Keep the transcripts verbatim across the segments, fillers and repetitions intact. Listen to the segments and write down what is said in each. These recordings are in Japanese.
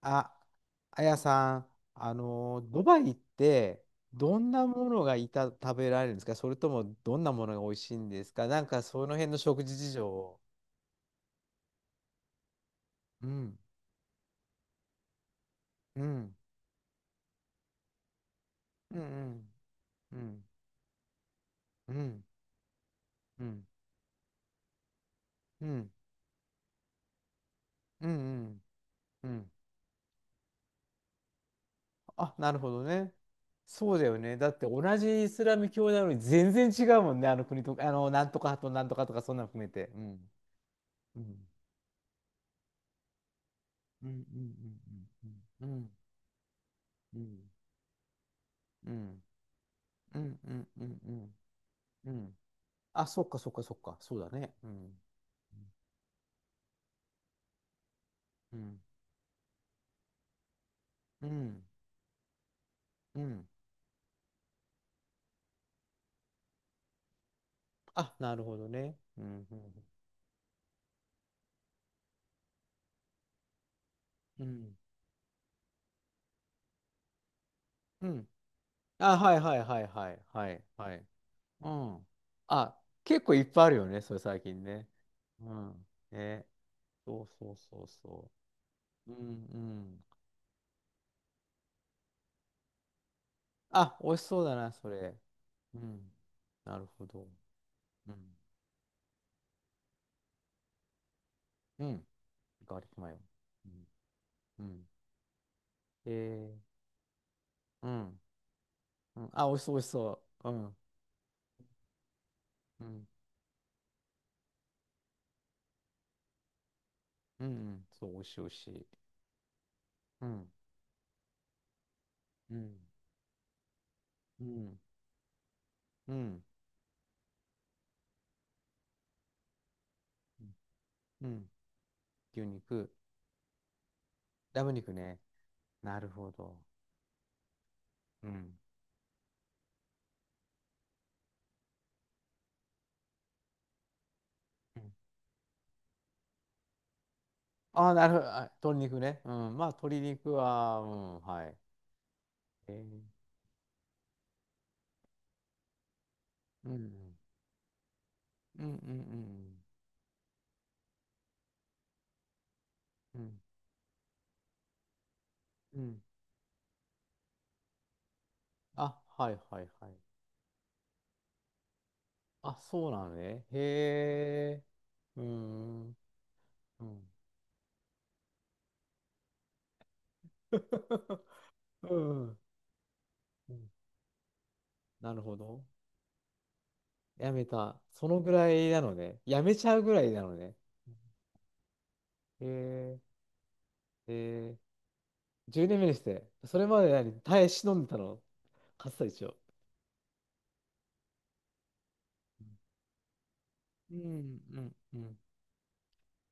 あ、あやさん、あの、ドバイって、どんなものがいた、食べられるんですか？それとも、どんなものが美味しいんですか？なんか、その辺の食事事情を。うん、うん、うん、うん、うん、うん、うん、うん、うん、うん。あ、なるほどね。そうだよね。だって、同じイスラム教なのに、全然違うもんね。あの国とか、あの、なんとかとなんとかとか、そんなの含めて。うん、うん、うん、うん、うん、うん、うん、うん。うんうんうんうんうんうん。あ、そっかそっかそっか、そうだね。うん。うん。うん。うん。あ、なるほどね。うん。うん。うん。うん。あ、はいはいはいはいはいはい。うん。あ、結構いっぱいあるよね、それ最近ね。うん。ね。そうそうそうそう。うんうん。あ、美味しそうだな、それ。うん。なるほど。うん。うん。ガーリックマヨ。うん。うん。えー、うん。うん、あ、美味しそう、美味しそう。うん。うん。うん。うん、そう、美味しい、美味しい。うん。うん。うん。うん。うん。牛肉。ラム肉ね。なるほど。うん。うん。あ、なるほど。あ、鶏肉ね。うん。まあ、鶏肉は、うん、はい。えー、うん。うん。うん。うん。うん。うん、あ、はい、はい、はい。あ、そうなのね。へえ。うーん。うん。うん。うん、なるほど。やめた。そのぐらいなのね。やめちゃうぐらいなのね。へえー、えー、じゅうねんめにして、それまで何耐え忍んでたの？勝ってたで。うん、うん、うん。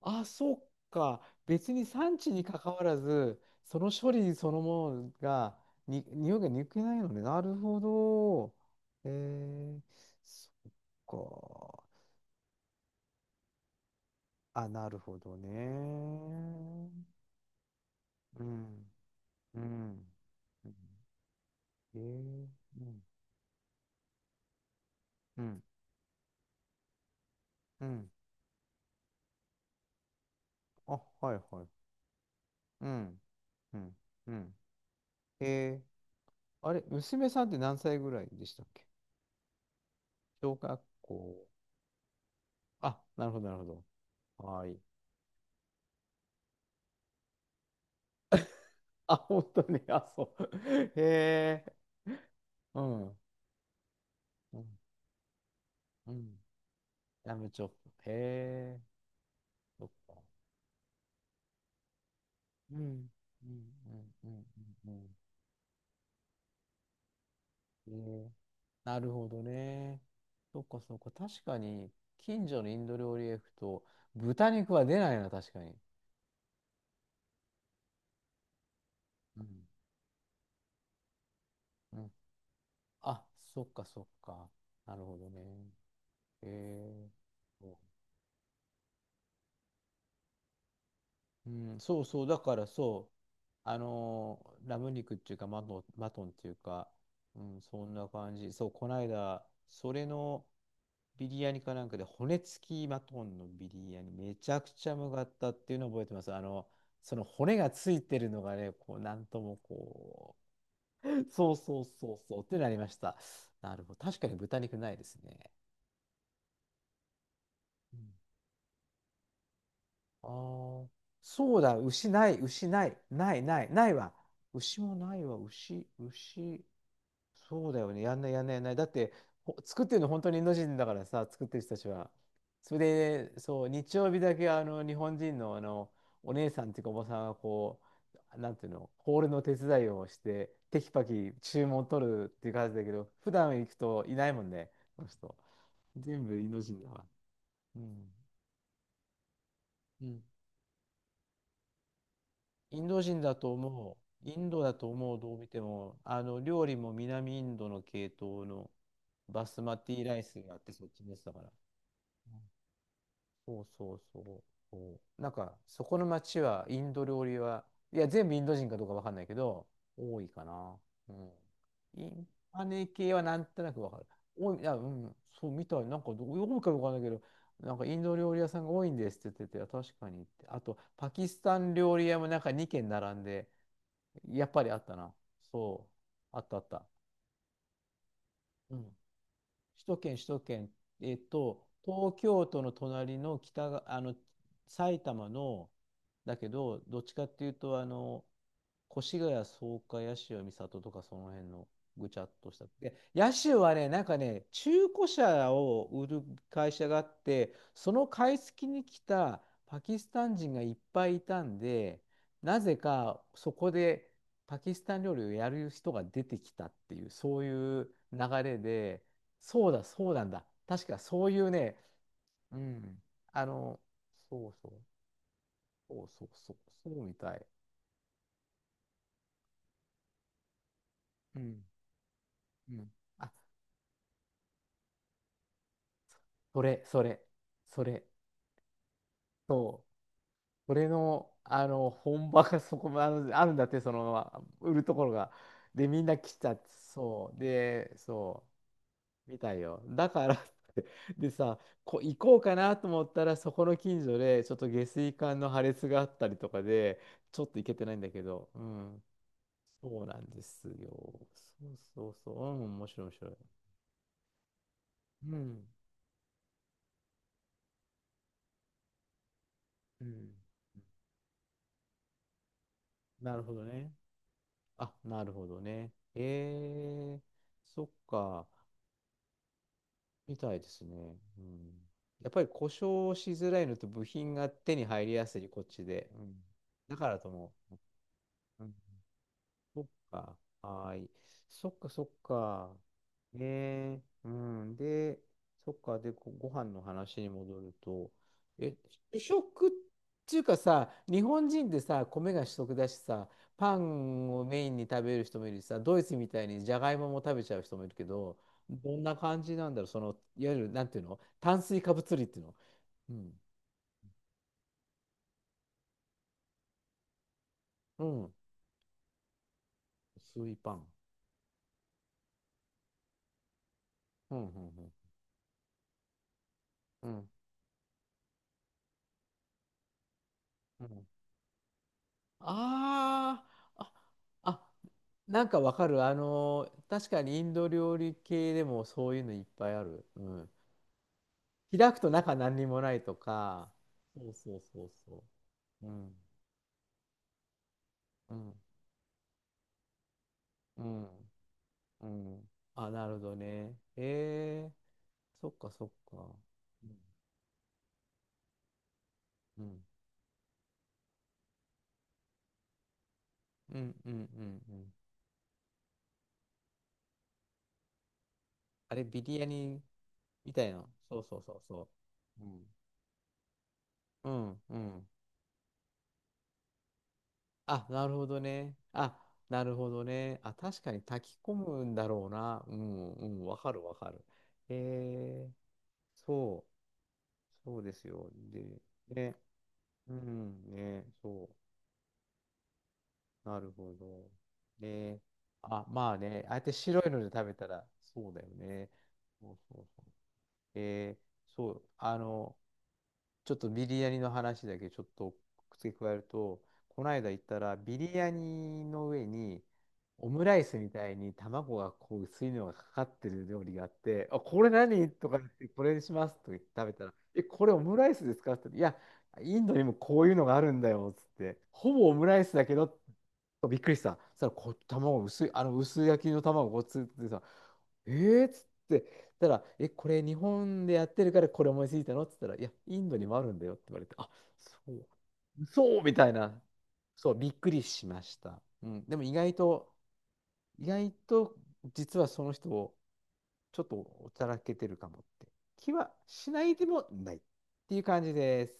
あ、そうか。別に産地に関わらず、その処理そのものが、に、匂いが抜けないのね。なるほど。えー、そっか。あ、なるほどね。うん、うん。うん、えー、うん、うん、うん。あ、はいはい。うん、うん、うん。えー、あれ、娘さんって何歳ぐらいでしたっけ？小学校。あ、なるほど、なるほど。はい。あ、本当に、あ、そう。へえ、うん、うん、うん。ラムチョップ。へえ、そっか。うん、うん、うん、うん、うん。うん、へえ、なるほどね。そっか、そっか。確かに、近所のインド料理屋行くと、豚肉は出ないな、確かに。うん、うん、あ、そっかそっか。なるほどね。えー、そう、うん、そうそう、だからそう、あのーラム肉っていうかマトン、マトンっていうか、うん、そんな感じ。そう、この間それのビリヤニかなんかで、骨付きマトンのビリヤニ、めちゃくちゃうまかったっていうのを覚えてます。あの、その骨がついてるのがね、こう、なんともこう、そうそうそうそうってなりました。なるほど。確かに豚肉ないですね。うん、あー、そうだ、牛ない、牛ない、ない、ない、ないわ。牛もないわ、牛、牛。そうだよね、やんない、やんない、やんない。だって、ほ作ってるの本当にインド人だからさ、作ってる人たちは。それで、そう、日曜日だけ、あの、日本人の、あの、お姉さんっていうか、おばさんがこう、なんていうの、ホールの手伝いをして、テキパキ注文取るっていう感じだけど、普段行くといないもんね、この人。全部インド人だわ。うん。うん、インド人だと思う。インドだと思う、どう見ても。あの、料理も南インドの系統のバスマティライスがあって、そっちのやつだから。うん、そうそうそう。そう、なんか、そこの町はインド料理は、いや、全部インド人かどうかわかんないけど、多いかな。うん。インパネ系はなんとなくわかる。多い、いや、うん、そうみたい。なんかど、多いかどこかわかんないけど、なんかインド料理屋さんが多いんですって言ってて、確かにって。あと、パキスタン料理屋もなんかにけん軒並んで、やっぱりあったな。そう。あったあった。うん。首都圏、首都圏。えっと、東京都の隣の北が、あの、埼玉の、だけど、どっちかっていうと、あの、越谷、草加、八潮、三郷とかその辺のぐちゃっとした。で、八潮はね、なんかね、中古車を売る会社があって、その買い付けに来たパキスタン人がいっぱいいたんで、なぜかそこでパキスタン料理をやる人が出てきたっていう、そういう流れで、そうだ、そうなんだ。確かそういうね、うん、あの、そうそう、そうそうそう、そうみたい。うん、うん。あ、それ、それ、それ、そう、それの、あの、本場が そこまであるんだって、その、まあ売るところが。で、みんな来ちゃって、そう、で、そう、みたいよ。だからって、でさ、こ、行こうかなと思ったら、そこの近所で、ちょっと下水管の破裂があったりとかで、ちょっと行けてないんだけど、うん、そうなんですよ。そうそうそう、うん、面白い、面白い。うん、うん、なるほどね。あ、なるほどね。えー、そっか、みたいですね。うん、やっぱり故障しづらいのと部品が手に入りやすい、こっちで。うん、だからとも。うん、そっか。はーい。そっか、そっか。ええ、うん。で、そっか。で、ご、ご飯の話に戻ると、え、主食っていうかさ、日本人でさ、米が主食だしさ、パンをメインに食べる人もいるしさ、ドイツみたいにじゃがいもも食べちゃう人もいるけど、どんな感じなんだろう、その、いわゆる、なんていうの？炭水化物類っていうの。うん。うん。薄いパン。うん、うん、うん。うん。うん、あーあ、あ、なんかわかる。あの確かにインド料理系でもそういうのいっぱいある。うん。開くと中何にもないとか。そうそうそうそう。うん。うん。うん。うん。あ、なるほどね。ええ、そっかそっか。うん。うん。うん。うん。うん。あれ、ビリヤニみたいな。そうそうそうそう。うん。うん。うん、あ、なるほどね。あ、なるほどね。あ、確かに炊き込むんだろうな。うん、うん、わかるわかる。えー、そう、そうですよ。で、ね、うん、ね、そう、なるほど。ね、あ、まあね、ああやって白いので食べたら、そうだよね。そうそうそう。えー、そう、あの、ちょっとビリヤニの話だけちょっと付け加えると、この間行ったらビリヤニの上にオムライスみたいに卵がこう薄いのがかかってる料理があって、あ、これ何とか言って、これにしますとか言って食べたら、え、これオムライスですか？って言ったら、いや、インドにもこういうのがあるんだよっつって、ほぼオムライスだけど、びっくりした。そしたらこう、卵薄い、あの薄焼きの卵ごっつってさ、えーっつって、たら、え、これ日本でやってるからこれ思いついたの？って言ったら、いや、インドにもあるんだよって言われて、あ、そう、そうみたいな、そう、びっくりしました。うん、でも意外と、意外と実はその人をちょっとおちゃらけてるかもって気はしないでもないっていう感じです。